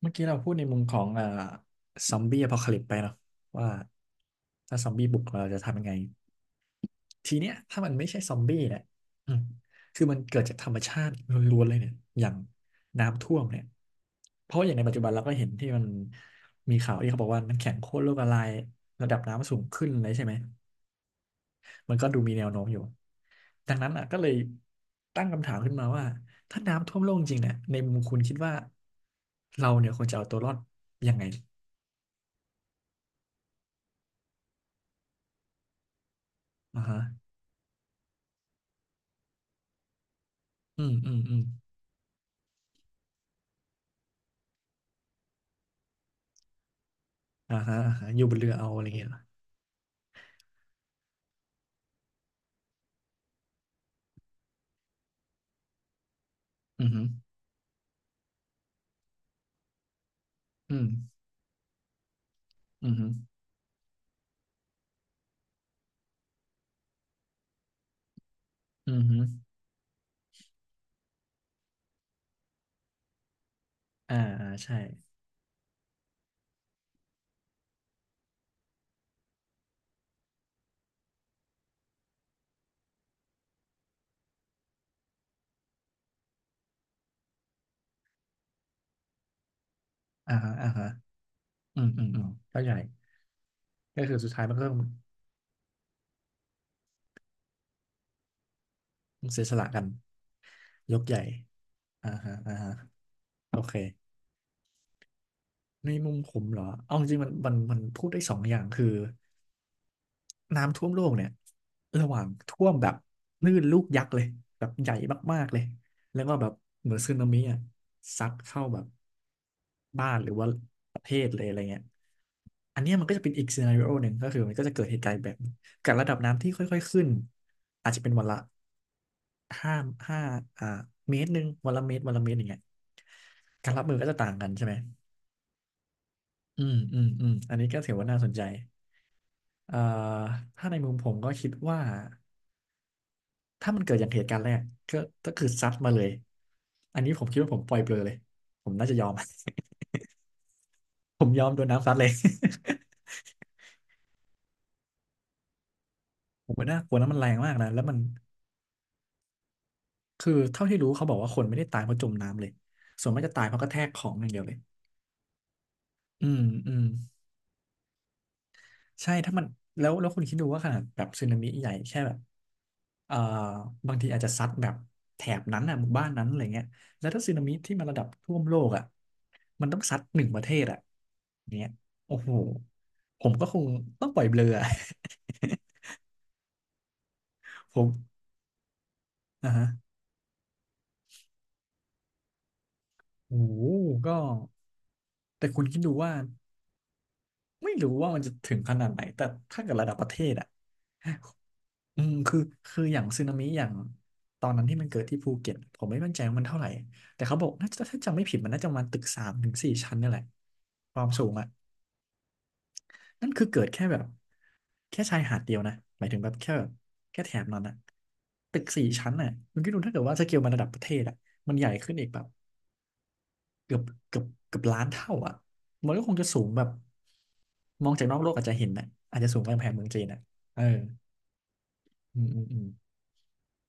เมื่อกี้เราพูดในมุมของซอมบี้อพอคาลิปไปเนาะว่าถ้าซอมบี้บุกเราจะทำยังไงทีเนี้ยถ้ามันไม่ใช่ซอมบี้เนี่ยอืมคือมันเกิดจากธรรมชาติล้วนๆเลยเนี่ยอย่างน้ำท่วมเนี่ยเพราะอย่างในปัจจุบันเราก็เห็นที่มันมีข่าวที่เขาบอกว่าน้ำแข็งขั้วโลกละลายระดับน้ำสูงขึ้นเลยใช่ไหมมันก็ดูมีแนวโน้มอยู่ดังนั้นอ่ะก็เลยตั้งคำถามขึ้นมาว่าถ้าน้ำท่วมโลกจริงเนี่ยในมุมคุณคิดว่าเราเนี่ยควรจะเอาตัวรอดยังไงอ่าฮะ อืมอืมอืมอ่าฮะอ่าฮะอยู่บนเรือเอาอะไรเงี้ยเหรออืมฮึอืมอืมฮึอืมฮึอ่าอ่าใช่อ่าฮะอ่าฮะอืมอืมอืมเข้าใจก็คือสุดท้ายมันก็ต้องเสียสละกันยกใหญ่อ่าฮะอ่าฮะโอเคในมุมผมเหรอเอาจริงๆมันพูดได้สองอย่างคือ น้ำท่วมโลกเนี่ยระหว่างท่วมแบบคลื่นลูกยักษ์เลยแบบใหญ่มากๆเลยแล้วก็แบบเหมือนสึนามิอ่ะซัดเข้าแบบบ้านหรือว่าประเทศเลยอะไรเงี้ยอันเนี้ยมันก็จะเป็นอีกซีนาริโอหนึ่งก็คือมันก็จะเกิดเหตุการณ์แบบนี้กับระดับน้ำที่ค่อยๆขึ้นอาจจะเป็นวันละห้าห้าอ่าเมตรหนึ่งวันละเมตรวันละเมตรอย่างเงี้ยการรับมือก็จะต่างกันใช่ไหมอืมอืมอืมอันนี้ก็ถือว่าน่าสนใจเอ่อถ้าในมุมผมก็คิดว่า ถ้ามันเกิดอย่างเหตุการณ์แรกก็ก็คือซัดมาเลยอันนี้ผมคิดว่าผมปล่อยเปลอยเลยผมน่าจะยอม ผมยอมโดนน้ำซัดเลย ผมว่าน่ากลัวนะมันแรงมากนะแล้วมันคือเท่าที่รู้เขาบอกว่าคนไม่ได้ตายเพราะจมน้ำเลยส่วนมากจะตายเพราะกระแทกของอย่างเดียวเลยอืมอืม ใช่ถ้ามันแล้วคุณคิดดูว่าขนาดแบบสึนามิใหญ่แค่แบบเอ่อบางทีอาจจะซัดแบบแถบนั้นอ่ะหมู่บ้านนั้นอะไรเงี้ยแล้วถ้าสึนามิที่มันระดับท่วมโลกอ่ะมันต้องซัดหนึ่งประเทศอ่ะเนี้ยโอ้โหผมก็คงต้องปล่อยเบลออะ ผมอ่ะฮะโอ้โหก็แต่คุณคิดดูว่าไม่รู้ว่ามันจะถึงขนาดไหนแต่ถ้าเกิดระดับประเทศอ่ะ อืมคือคืออย่างสึนามิอย่างตอนนั้นที่มันเกิดที่ภูเก็ตผมไม่มั่นใจว่ามันเท่าไหร่แต่เขาบอกน่าจะถ้าจำไม่ผิดมันน่าจะประมาณตึกสามถึงสี่ชั้นนี่แหละความสูงอ่ะนั่นคือเกิดแค่แบบแค่ชายหาดเดียวนะหมายถึงแบบแค่แบบแค่แถบนั้นอ่ะตึกสี่ชั้นอ่ะมันก็ดูถ้าเกิดว่าสเกลมันระดับประเทศอ่ะมันใหญ่ขึ้นอีกแบบเกือบเกือบล้านเท่าอ่ะมันก็คงจะสูงแบบมองจากนอกโลกอาจจะเห็นนะอาจจะสูงกว่ากำแพงเมืองจีนอ่ะเอออืมอืมอืม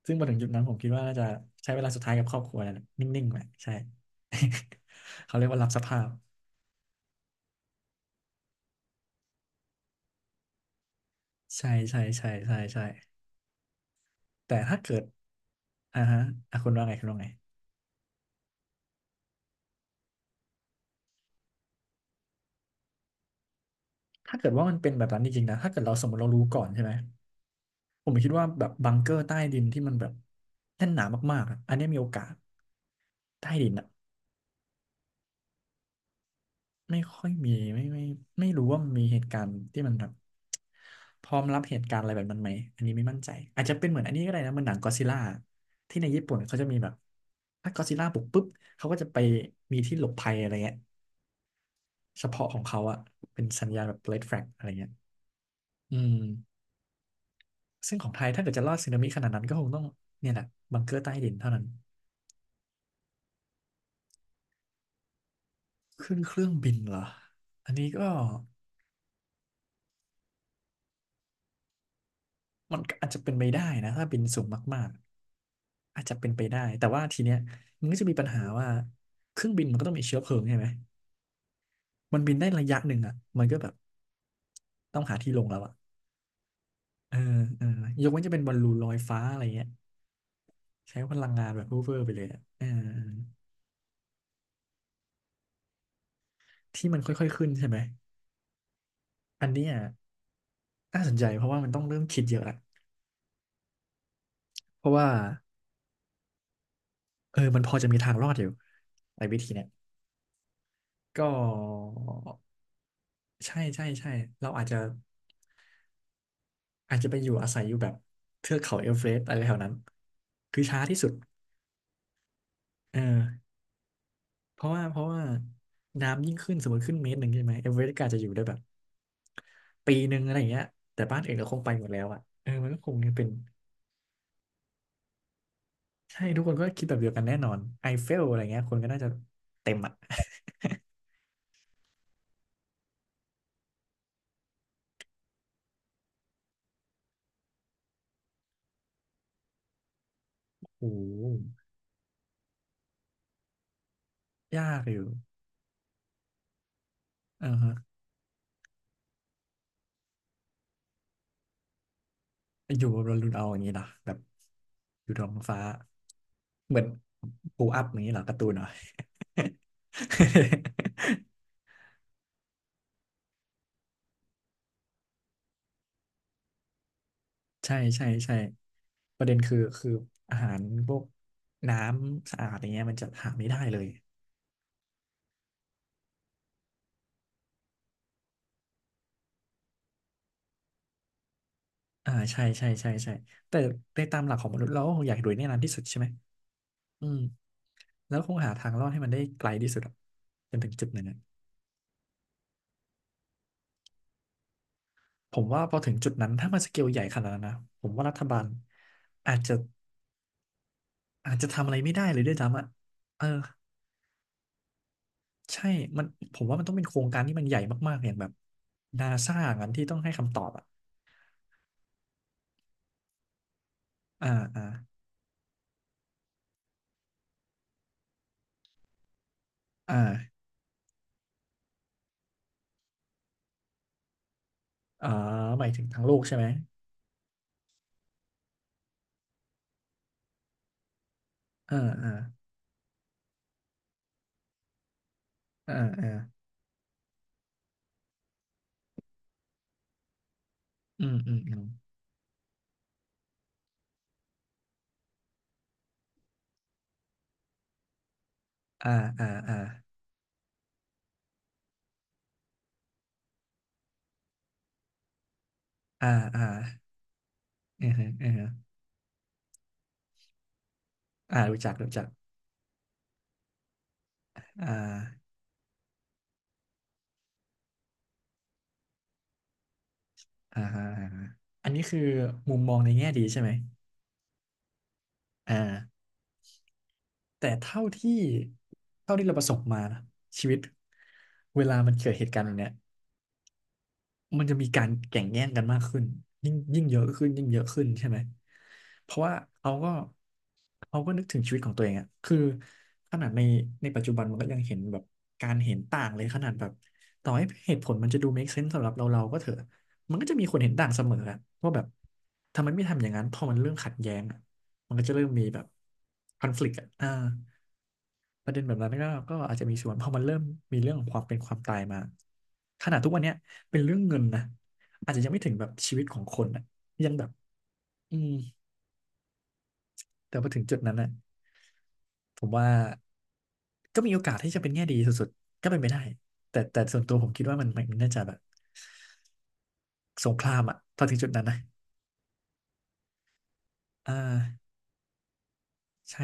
ซึ่งมาถึงจุดนั้นผมคิดว่าน่าจะใช้เวลาสุดท้ายกับครอบครัวนั่นแหละนิ่งๆแหละใช่ เขาเรียกว่ารับสภาพใช่ใช่ใช่ใช่ใช่แต่ถ้าเกิดอ่าฮะอ่ะคุณว่าไงถ้าเกิดว่ามันเป็นแบบนั้นจริงๆนะถ้าเกิดเราสมมติเรารู้ก่อนใช่ไหมผมคิดว่าแบบบังเกอร์ใต้ดินที่มันแบบแน่นหนามากๆอะอันเนี้ยมีโอกาสใต้ดินอะ ไม่ค่อยมีไม่ไม่รู้ว่ามีเหตุการณ์ที่มันแบบพร้อมรับเหตุการณ์อะไรแบบนั้นไหมอันนี้ไม่มั่นใจอาจจะเป็นเหมือนอันนี้ก็ได้นะเหมันหนังก็อดซิลล่าที่ในญี่ปุ่นเขาจะมีแบบถ้าก็อดซิลล่าบุกปุ๊บเขาก็จะไปมีที่หลบภัยอะไรเงี้ยเฉพาะของเขาอะเป็นสัญญาณแบบเ e d f ฟ a g อะไรเงี้ยอืมซึ่งของไทยถ้าเกิดจะรอดสึนามิขนาดนั้นก็คงต้องเนี่ยแหละบังเกอร์ใต้ดินเท่านั้นขึ้นเครื่องบินเหรออันนี้ก็ มันก็อาจจะเป็นไปได้นะถ้าบินสูงมากๆอาจจะเป็นไปได้แต่ว่าทีเนี้ยมันก็จะมีปัญหาว่าเครื่องบินมันก็ต้องมีเชื้อเพลิงใช่ไหมมันบินได้ระยะหนึ่งอ่ะมันก็แบบต้องหาที่ลงแล้วอ่ะเออเออยกเว้นจะเป็นบอลลูนลอยฟ้าอะไรเงี้ยใช้พลังงานแบบเวอร์ๆไปเลยอ่ะเออที่มันค่อยๆขึ้นใช่ไหมอันเนี้ยน่าสนใจเพราะว่ามันต้องเริ่มคิดเยอะละเพราะว่าเออมันพอจะมีทางรอดอยู่ไอ้วิธีเนี้ยก็ใช่ใช่ใช่เราอาจจะ อาจจะไปอยู่อาศัยอยู่แบบเทือกเขาเอเวอเรสต์อะไรแถวนั้นคือช้าที่สุดเออเพราะว่าน้ำยิ่งขึ้นสมมติขึ้นเมตรหนึ่งใช่ไหมเอเวอเรสต์ก็อาจจะอยู่ได้แบบปีหนึ่งอะไรอย่างเงี้ยแต่บ้านอื่นก็คงไปหมดแล้วอ่ะเออมันก็คงจะเป็นใช่ทุกคนก็คิดแบบเดียวกันแน่นอนไอเฟลอะไรเงี้ยคนก็น่าจะเต็มอ่ะ โอ้ยากอยู่อ่าฮะอยู่บนดาวดวงเอาอย่างนี้นะแบบอยู่ท้องฟ้าเหมือนปูอัพอย่างนี้เหรอการ์ตูนเหรอ ใช่ใช่ใช่ประเด็นคืออาหารพวกน้ำสะอาดอย่างเงี้ยมันจะหาไม่ได้เลยอ่าใช่ใช่ใช่ใช่แต่ในตามหลักของมนุษย์เราก็คงอยากรวยแน่นอนที่สุดใช่ไหมอืมแล้วคงหาทางรอดให้มันได้ไกลที่สุดอะจนถึงจุดนั้นอะผมว่าพอถึงจุดนั้นถ้ามันสเกลใหญ่ขนาดนั้นนะผมว่ารัฐบาลอาจจะอาจจะทำอะไรไม่ได้เลยด้วยซ้ำอะเออใช่มันผมว่ามันต้องเป็นโครงการที่มันใหญ่มากๆอย่างแบบนาซางั้นที่ต้องให้คำตอบอะอ่าอ่าอ่า อ๋อหมายถึงทั้งลูกใช่ไหมอ่าอ่าอ่าอ่าอืมอืมอืมอ่าอ่าอ่าอ่าอ่าอือฮึอือฮึอ่ารู้จักรู้จักอ่าอ่าฮะอ่าฮะอันนี้คือมุมมองในแง่ดีใช่ไหมอ่าแต่เท่าที่เราประสบมานะชีวิตเวลามันเกิดเหตุการณ์แบบเนี้ย มันจะมีการแข่งแย่งกันมากขึ้นยิ่งเยอะขึ้นยิ่งเยอะขึ้นใช่ไหมเพราะว่าเขาก็เขาก็นึกถึงชีวิตของตัวเองอะคือขนาดในปัจจุบันมันก็ยังเห็นแบบการเห็นต่างเลยขนาดแบบต่อให้เหตุผลมันจะดู make sense สำหรับเราก็เถอะมันก็จะมีคนเห็นต่างเสมออะว่าแบบทำไมไม่ทำอย่างนั้นพอมันเริ่มขัดแย้งอะมันก็จะเริ่มมีแบบ conflict อนฟลิกต์อ่ะอ่า ประเด็นแบบนั้นก็อาจจะมีส่วนเพราะมันเริ่มมีเรื่องของความเป็นความตายมาขนาดทุกวันเนี้ยเป็นเรื่องเงินนะอาจจะยังไม่ถึงแบบชีวิตของคนอะยังแบบอืมแต่พอถึงจุดนั้นนะผมว่าก็มีโอกาสที่จะเป็นแง่ดีสุดๆก็เป็นไปได้แต่ส่วนตัวผมคิดว่ามันน่าจะแบบสงครามอะพอถึงจุดนั้นนะอ่าใช่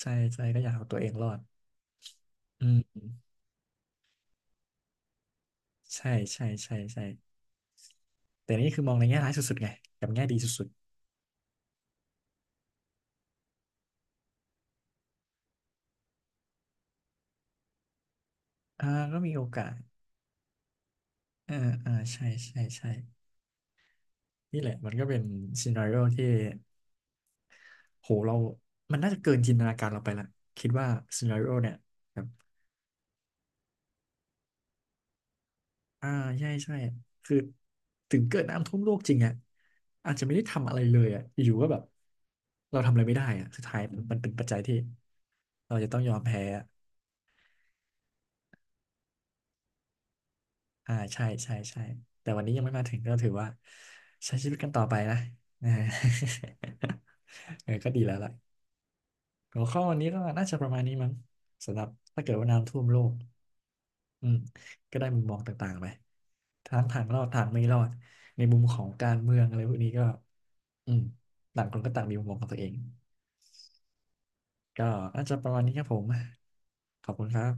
ใช่ใช่ก็อยากเอาตัวเองรอดอืมใช่ใช่ใช่ใช่แต่นี่คือมองในแง่ร้ายสุดๆไงกับแง่ดีสุดๆอ่าก็มีโอกาส อ่าอ่าใช่ใช่ใช่นี่แหละมันก็เป็นซีนาริโอที่โหเรามันน่าจะเกินจินตนาการเราไปละคิดว่าซีนาริโอเนี่ยแบบอ่าใช่ใช่คือถึงเกิดน้ำท่วมโลกจริงอ่ะอาจจะไม่ได้ทำอะไรเลยอ่ะอยู่ๆก็แบบเราทำอะไรไม่ได้อ่ะสุดท้ายมันเป็นปัจจัยที่เราจะต้องยอมแพ้อะอ่าใช่ใช่ใช่แต่วันนี้ยังไม่มาถึงก็ถือว่าใช้ชีวิตกันต่อไปนะนะ เออก็ดีแล้วล่ะ หัวข้อวันนี้ก็น่าจะประมาณนี้มั้งสำหรับถ้าเกิดว่าน้ำท่วมโลกอืมก็ได้มุมมองต่างๆไปทั้งทางรอดทางไม่รอดในมุมของการเมืองอะไรพวกนี้ก็อืมต่างคนก็ต่างมีมุมมองของตัวเองก็น่าจะประมาณนี้ครับผมขอบคุณครับ